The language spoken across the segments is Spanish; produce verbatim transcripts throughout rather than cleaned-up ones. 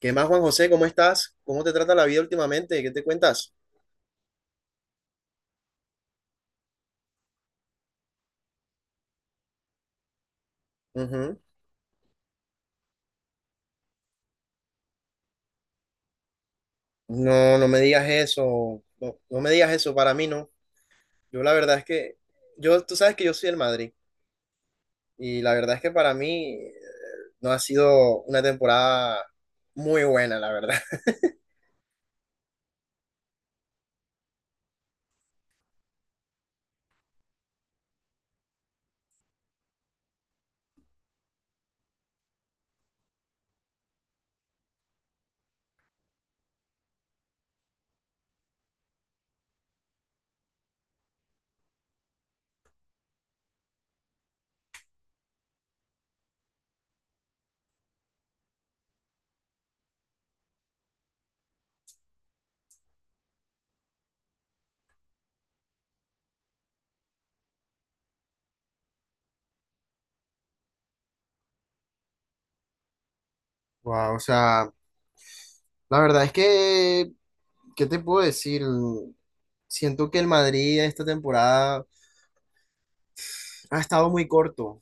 ¿Qué más, Juan José? ¿Cómo estás? ¿Cómo te trata la vida últimamente? ¿Qué te cuentas? Ujú. No, no me digas eso. No, no me digas eso. Para mí no. Yo la verdad es que, yo, tú sabes que yo soy el Madrid y la verdad es que para mí eh, no ha sido una temporada muy buena, la verdad. Wow, o sea, la verdad es que, ¿qué te puedo decir? Siento que el Madrid esta temporada ha estado muy corto.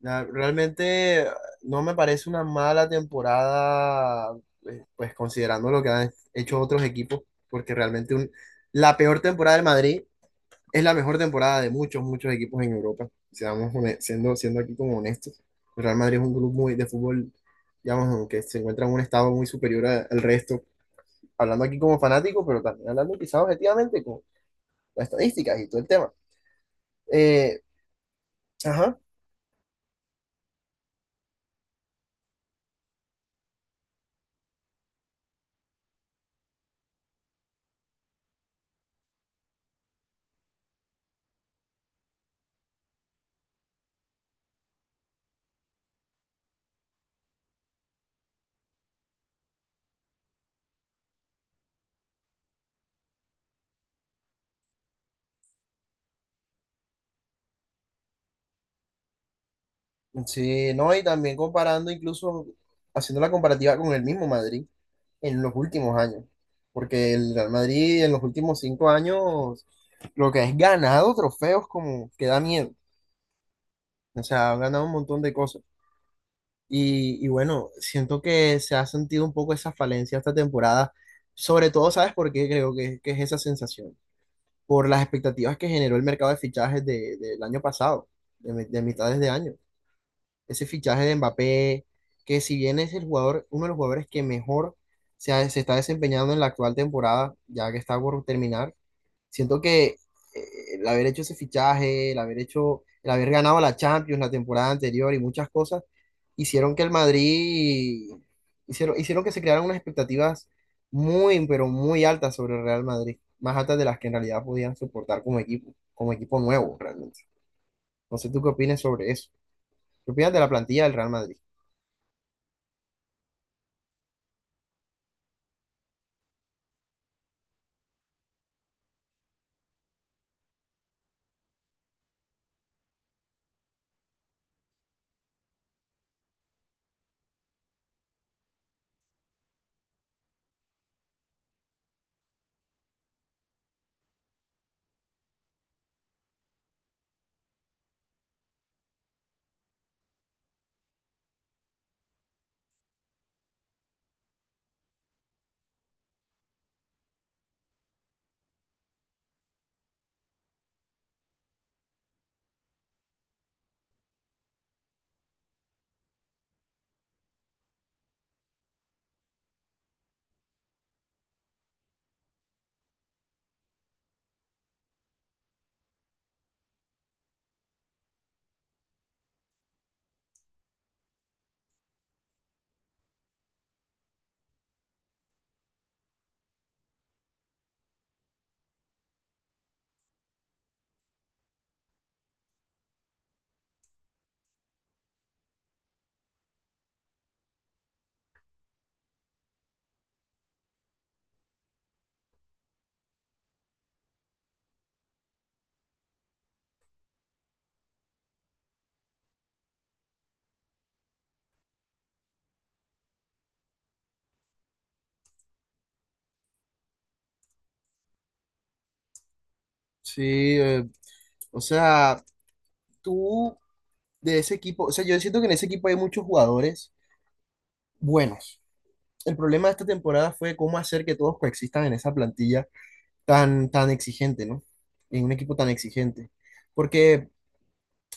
La- Realmente eh, no me parece una mala temporada, eh, pues considerando lo que han hecho otros equipos, porque realmente un- la peor temporada del Madrid es la mejor temporada de muchos, muchos equipos en Europa. Seamos hone- siendo, siendo aquí como honestos, el Real Madrid es un club muy de fútbol, digamos, aunque se encuentra en un estado muy superior a- al resto, hablando aquí como fanático, pero también hablando quizás objetivamente con las estadísticas y todo el tema. Eh, ajá, sí, no, y también comparando, incluso haciendo la comparativa con el mismo Madrid en los últimos años, porque el Real Madrid en los últimos cinco años lo que es ganado trofeos como que da miedo, o sea, ha ganado un montón de cosas. Y, y bueno, siento que se ha sentido un poco esa falencia esta temporada, sobre todo, ¿sabes por qué creo que, que es esa sensación? Por las expectativas que generó el mercado de fichajes de- del año pasado, de, mi- de mitades de año. Ese fichaje de Mbappé, que si bien es el jugador, uno de los jugadores que mejor se, ha- se está desempeñando en la actual temporada, ya que está por terminar, siento que eh, el haber hecho ese fichaje, el haber hecho, el haber ganado la Champions la temporada anterior y muchas cosas, hicieron que el Madrid, hicieron, hicieron que se crearan unas expectativas muy, pero muy altas sobre el Real Madrid, más altas de las que en realidad podían soportar como equipo, como equipo nuevo realmente. No sé tú qué opinas sobre eso. ¿Qué opinas de la plantilla del Real Madrid? Sí, eh, o sea, tú de ese equipo, o sea, yo siento que en ese equipo hay muchos jugadores buenos. El problema de esta temporada fue cómo hacer que todos coexistan en esa plantilla tan, tan exigente, ¿no? En un equipo tan exigente. Porque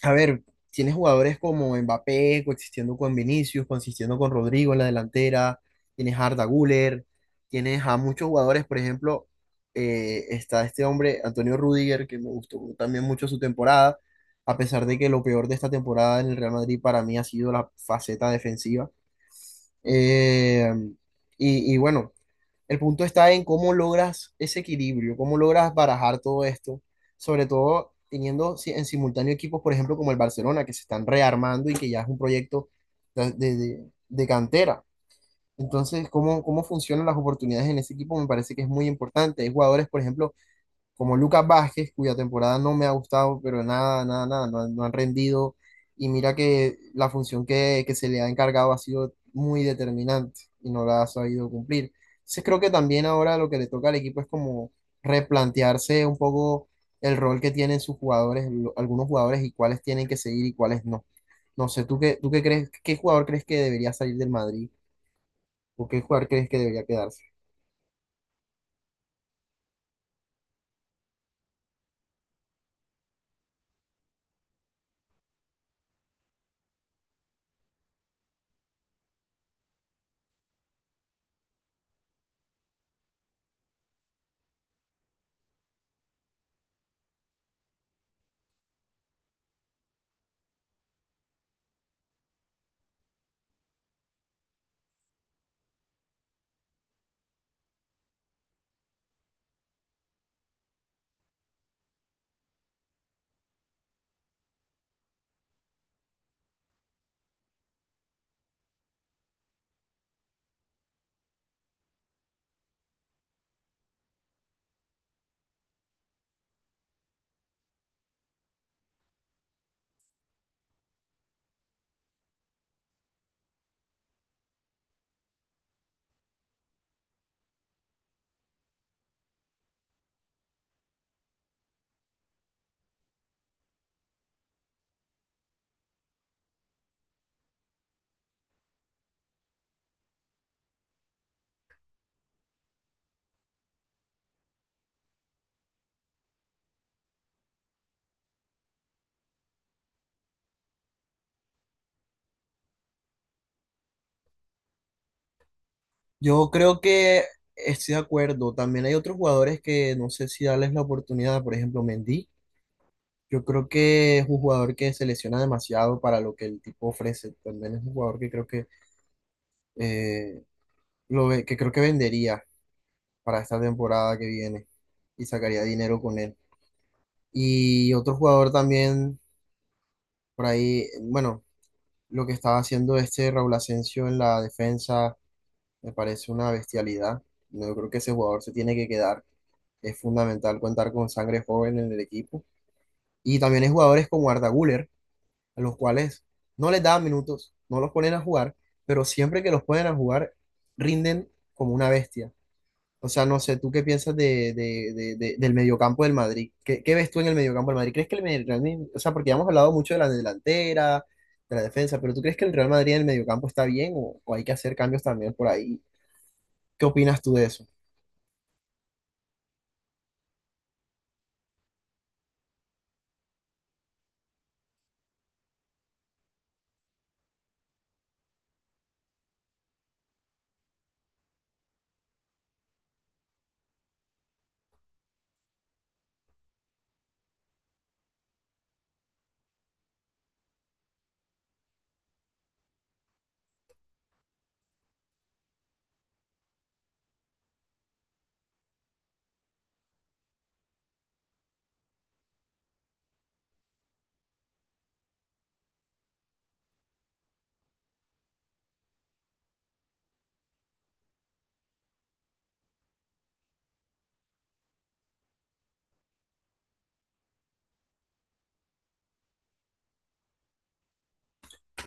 a ver, tienes jugadores como Mbappé coexistiendo con Vinicius, coexistiendo con Rodrigo en la delantera, tienes a Arda Güler, tienes a muchos jugadores, por ejemplo, eh, está este hombre, Antonio Rudiger, que me gustó también mucho su temporada, a pesar de que lo peor de esta temporada en el Real Madrid para mí ha sido la faceta defensiva. Eh, y, y bueno. El punto está en cómo logras ese equilibrio, cómo logras barajar todo esto, sobre todo teniendo si- en simultáneo equipos, por ejemplo, como el Barcelona, que se están rearmando y que ya es un proyecto de, de- de- de cantera. Entonces, ¿cómo, cómo funcionan las oportunidades en ese equipo? Me parece que es muy importante. Hay jugadores, por ejemplo, como Lucas Vázquez, cuya temporada no me ha gustado, pero nada, nada, nada, no, han no han rendido. Y mira que la función que, que se le ha encargado ha sido muy determinante y no la ha sabido cumplir. Entonces creo que también ahora lo que le toca al equipo es como replantearse un poco el rol que tienen sus jugadores, lo- algunos jugadores y cuáles tienen que seguir y cuáles no. No sé, ¿tú qué, ¿tú qué crees, qué jugador crees que debería salir del Madrid o qué jugador crees que debería quedarse? Yo creo que estoy de acuerdo. También hay otros jugadores que no sé si darles la oportunidad. Por ejemplo, Mendy. Yo creo que es un jugador que se lesiona demasiado para lo que el tipo ofrece. También es un jugador que creo que eh, lo ve- que creo que vendería para esta temporada que viene y sacaría dinero con él. Y otro jugador también por ahí, bueno, lo que estaba haciendo este Raúl Asensio en la defensa me parece una bestialidad. No, yo creo que ese jugador se tiene que quedar. Es fundamental contar con sangre joven en el equipo. Y también hay jugadores como Arda Güler, a los cuales no les dan minutos, no los ponen a jugar, pero siempre que los ponen a jugar, rinden como una bestia. O sea, no sé, ¿tú qué piensas de, de- de- de- del mediocampo del Madrid? ¿Qué, qué ves tú en el mediocampo del Madrid? ¿Crees que el Medi- Real Madrid, o sea, porque ya hemos hablado mucho de la delantera, de la defensa, pero ¿tú crees que el Real Madrid en el mediocampo está bien o, o hay que hacer cambios también por ahí? ¿Qué opinas tú de eso?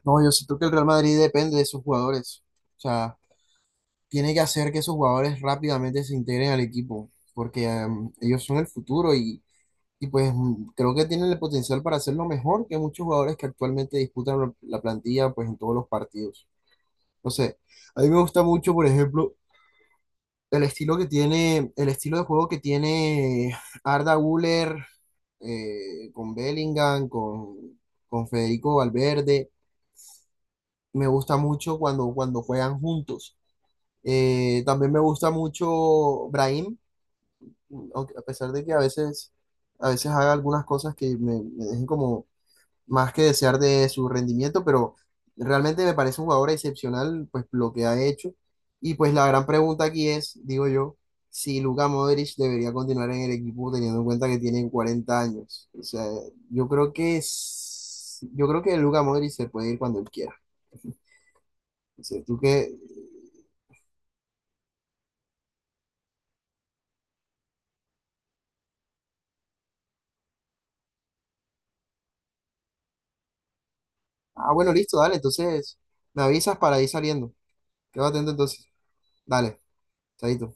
No, yo siento que el Real Madrid depende de sus jugadores. O sea, tiene que hacer que esos jugadores rápidamente se integren al equipo, porque em, ellos son el futuro y, y pues mm, creo que tienen el potencial para hacerlo mejor que muchos jugadores que actualmente disputan la la plantilla pues en todos los partidos. No sé, a mí me gusta mucho, por ejemplo, el estilo que tiene, el estilo de juego que tiene Arda Güler eh, con Bellingham, con, con Federico Valverde. Me gusta mucho cuando, cuando juegan juntos. Eh, también me gusta mucho Brahim, aunque- a pesar de que a veces, a veces haga algunas cosas que me, me dejen como más que desear de su rendimiento, pero realmente me parece un jugador excepcional, pues lo que ha hecho. Y pues la gran pregunta aquí es, digo yo, si Luka Modric debería continuar en el equipo teniendo en cuenta que tiene cuarenta años. O sea, yo creo que es, yo creo que Luka Modric se puede ir cuando él quiera. O sea, tú que, ah, bueno, listo, dale, entonces me avisas para ir saliendo. Qué Quedo atento entonces. Dale, chaito.